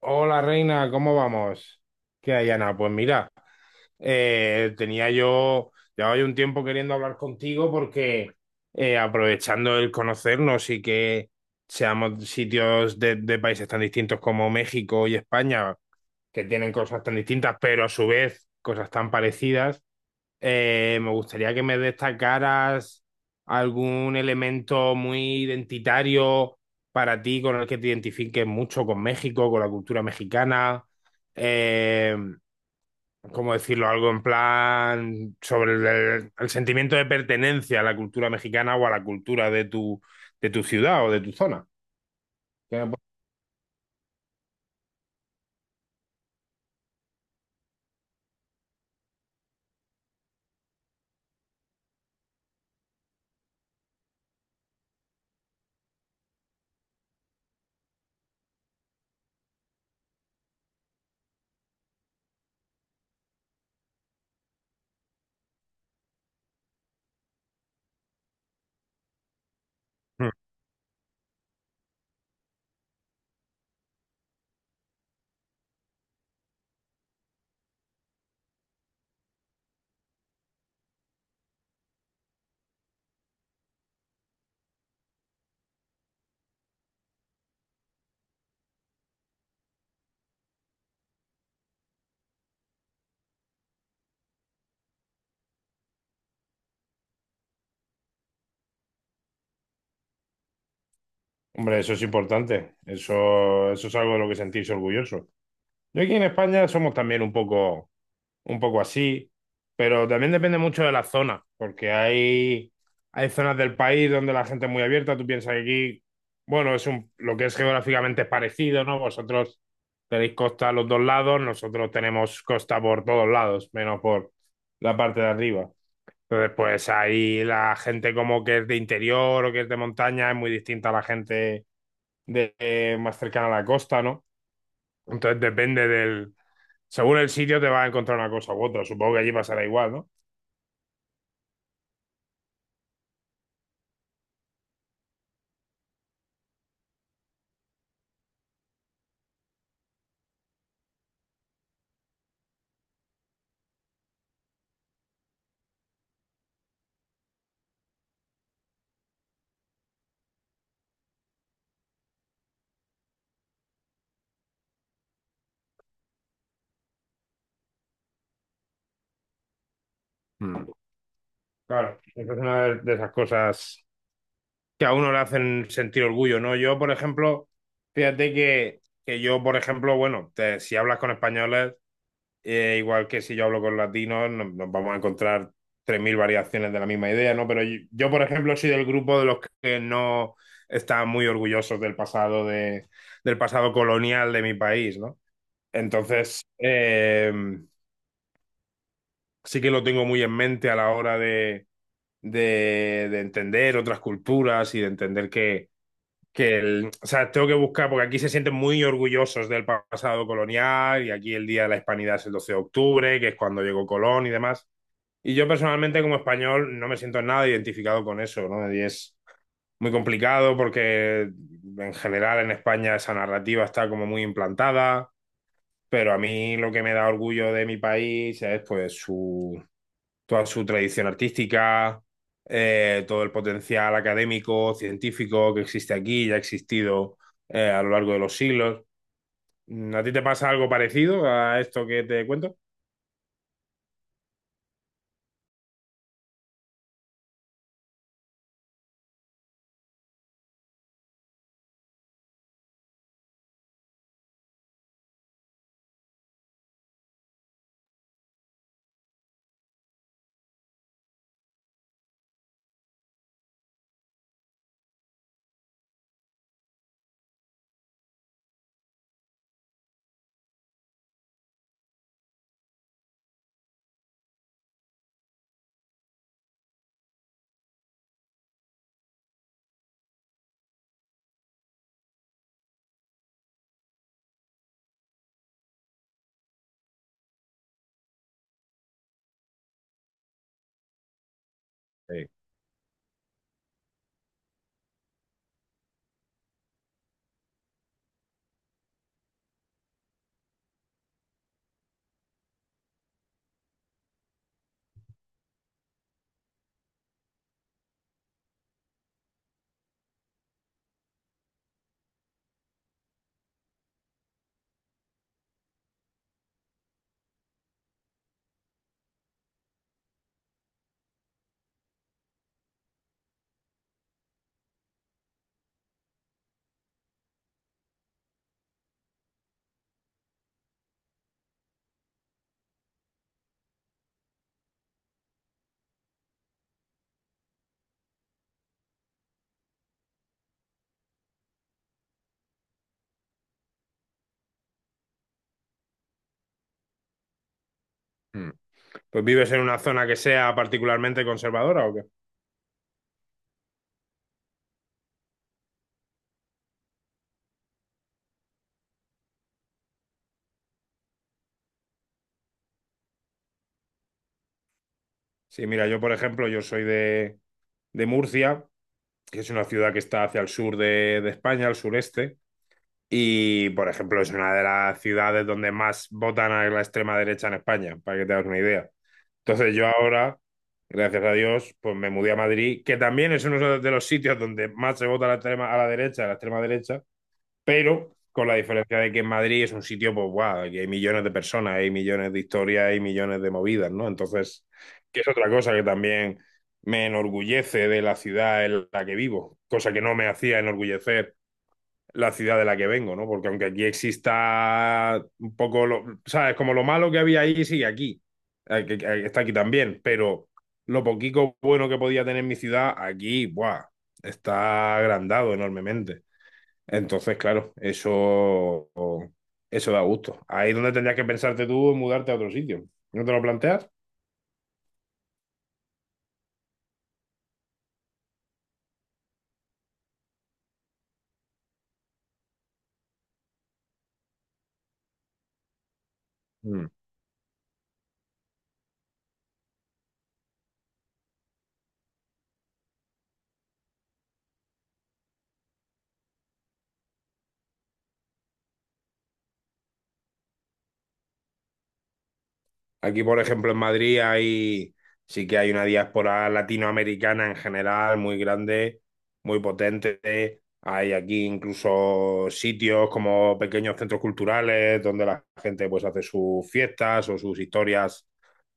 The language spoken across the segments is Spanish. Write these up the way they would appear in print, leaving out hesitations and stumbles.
Hola Reina, ¿cómo vamos? ¿Qué hay, Ana? Pues mira, tenía yo, llevaba yo un tiempo queriendo hablar contigo porque aprovechando el conocernos y que seamos sitios de países tan distintos como México y España, que tienen cosas tan distintas, pero a su vez cosas tan parecidas, me gustaría que me destacaras algún elemento muy identitario para ti con el que te identifiques mucho con México, con la cultura mexicana. Eh, ¿Cómo decirlo? Algo en plan sobre el sentimiento de pertenencia a la cultura mexicana o a la cultura de de tu ciudad o de tu zona. ¿Qué me pu- Mm. Hombre, eso es importante. Eso es algo de lo que sentirse orgulloso. Yo aquí en España somos también un poco. Un poco así, pero también depende mucho de la zona, porque hay zonas del país donde la gente es muy abierta, tú piensas que aquí, bueno, es un, lo que es geográficamente es parecido, ¿no? Vosotros tenéis costa a los dos lados, nosotros tenemos costa por todos lados, menos por la parte de arriba. Entonces, pues ahí la gente como que es de interior o que es de montaña es muy distinta a la gente de, más cercana a la costa, ¿no? Entonces depende del, según el sitio te vas a encontrar una cosa u otra. Supongo que allí pasará igual, ¿no? Mm. Claro, esa es una de esas cosas que a uno le hacen sentir orgullo, ¿no? Yo, por ejemplo, fíjate que yo, por ejemplo, bueno, si hablas con españoles, igual que si yo hablo con latinos, nos vamos a encontrar 3000 variaciones de la misma idea, ¿no? Pero yo, por ejemplo, soy del grupo de los que no están muy orgullosos del pasado, de, del pasado colonial de mi país, ¿no? Entonces, así que lo tengo muy en mente a la hora de entender otras culturas y de entender que el, o sea, tengo que buscar, porque aquí se sienten muy orgullosos del pasado colonial y aquí el Día de la Hispanidad es el 12 de octubre, que es cuando llegó Colón y demás. Y yo personalmente como español no me siento nada identificado con eso, ¿no? Y es muy complicado porque en general en España esa narrativa está como muy implantada, pero a mí lo que me da orgullo de mi país es pues su, toda su tradición artística, todo el potencial académico, científico que existe aquí y ha existido a lo largo de los siglos. Mm, ¿a ti te pasa algo parecido a esto que te cuento? Sí. Mm. Pues vives en una zona que sea particularmente conservadora, ¿o qué? Sí, mira, yo por ejemplo, yo soy de Murcia, que es una ciudad que está hacia el sur de España, al sureste, y por ejemplo es una de las ciudades donde más votan a la extrema derecha en España, para que te hagas una idea. Entonces yo ahora, gracias a Dios, pues me mudé a Madrid, que también es uno de los sitios donde más se vota a la extrema, a la derecha, a la extrema derecha, pero con la diferencia de que en Madrid es un sitio, pues, guau, aquí hay millones de personas, hay millones de historias, hay millones de movidas, ¿no? Entonces, que es otra cosa que también me enorgullece de la ciudad en la que vivo, cosa que no me hacía enorgullecer la ciudad de la que vengo, ¿no? Porque aunque aquí exista un poco, lo, ¿sabes? Como lo malo que había ahí sigue aquí, está aquí también, pero lo poquito bueno que podía tener mi ciudad aquí, ¡buah! Está agrandado enormemente. Entonces, claro, eso da gusto. Ahí es donde tendrías que pensarte tú en mudarte a otro sitio. ¿No te lo planteas? Aquí, por ejemplo, en sí que hay una diáspora latinoamericana en general muy grande, muy potente. Hay aquí incluso sitios como pequeños centros culturales donde la gente pues hace sus fiestas o sus historias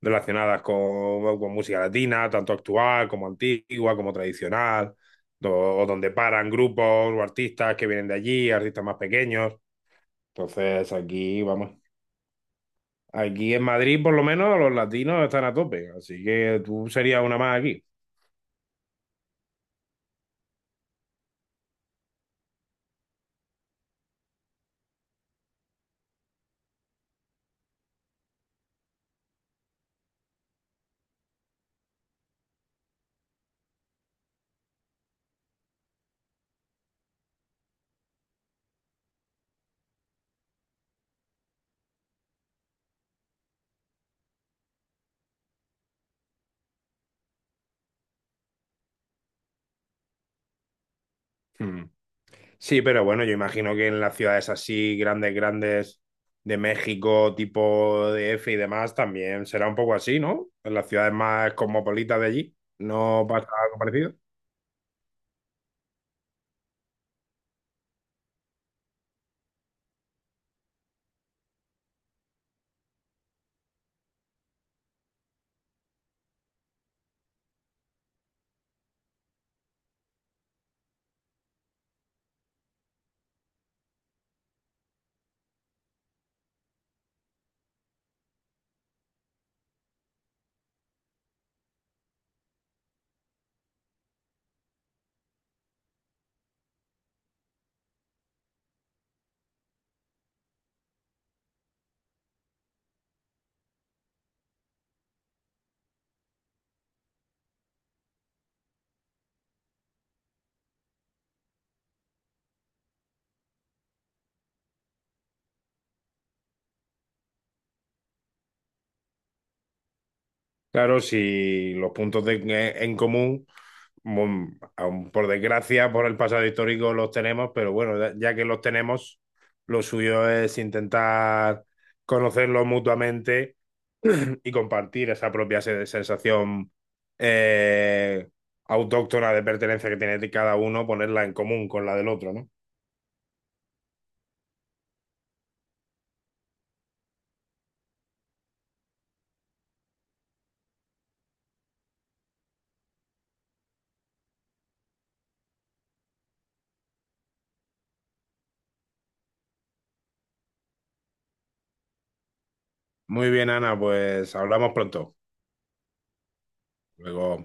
relacionadas con, bueno, con música latina, tanto actual como antigua, como tradicional, do- o donde paran grupos o artistas que vienen de allí, artistas más pequeños. Entonces, aquí vamos. Aquí en Madrid, por lo menos, los latinos están a tope, así que tú serías una más aquí. Mm. Sí, pero bueno, yo imagino que en las ciudades así, grandes, grandes, de México, tipo de DF y demás, también será un poco así, ¿no? En las ciudades más cosmopolitas de allí, ¿no pasa algo parecido? Claro, si los en común, mm, aun por desgracia, por el pasado histórico los tenemos, pero bueno, ya que los tenemos, lo suyo es intentar conocerlos mutuamente y compartir esa propia sensación eh, autóctona de pertenencia que tiene cada uno, ponerla en común con la del otro, ¿no? Muy bien, Ana, pues hablamos pronto. Luego.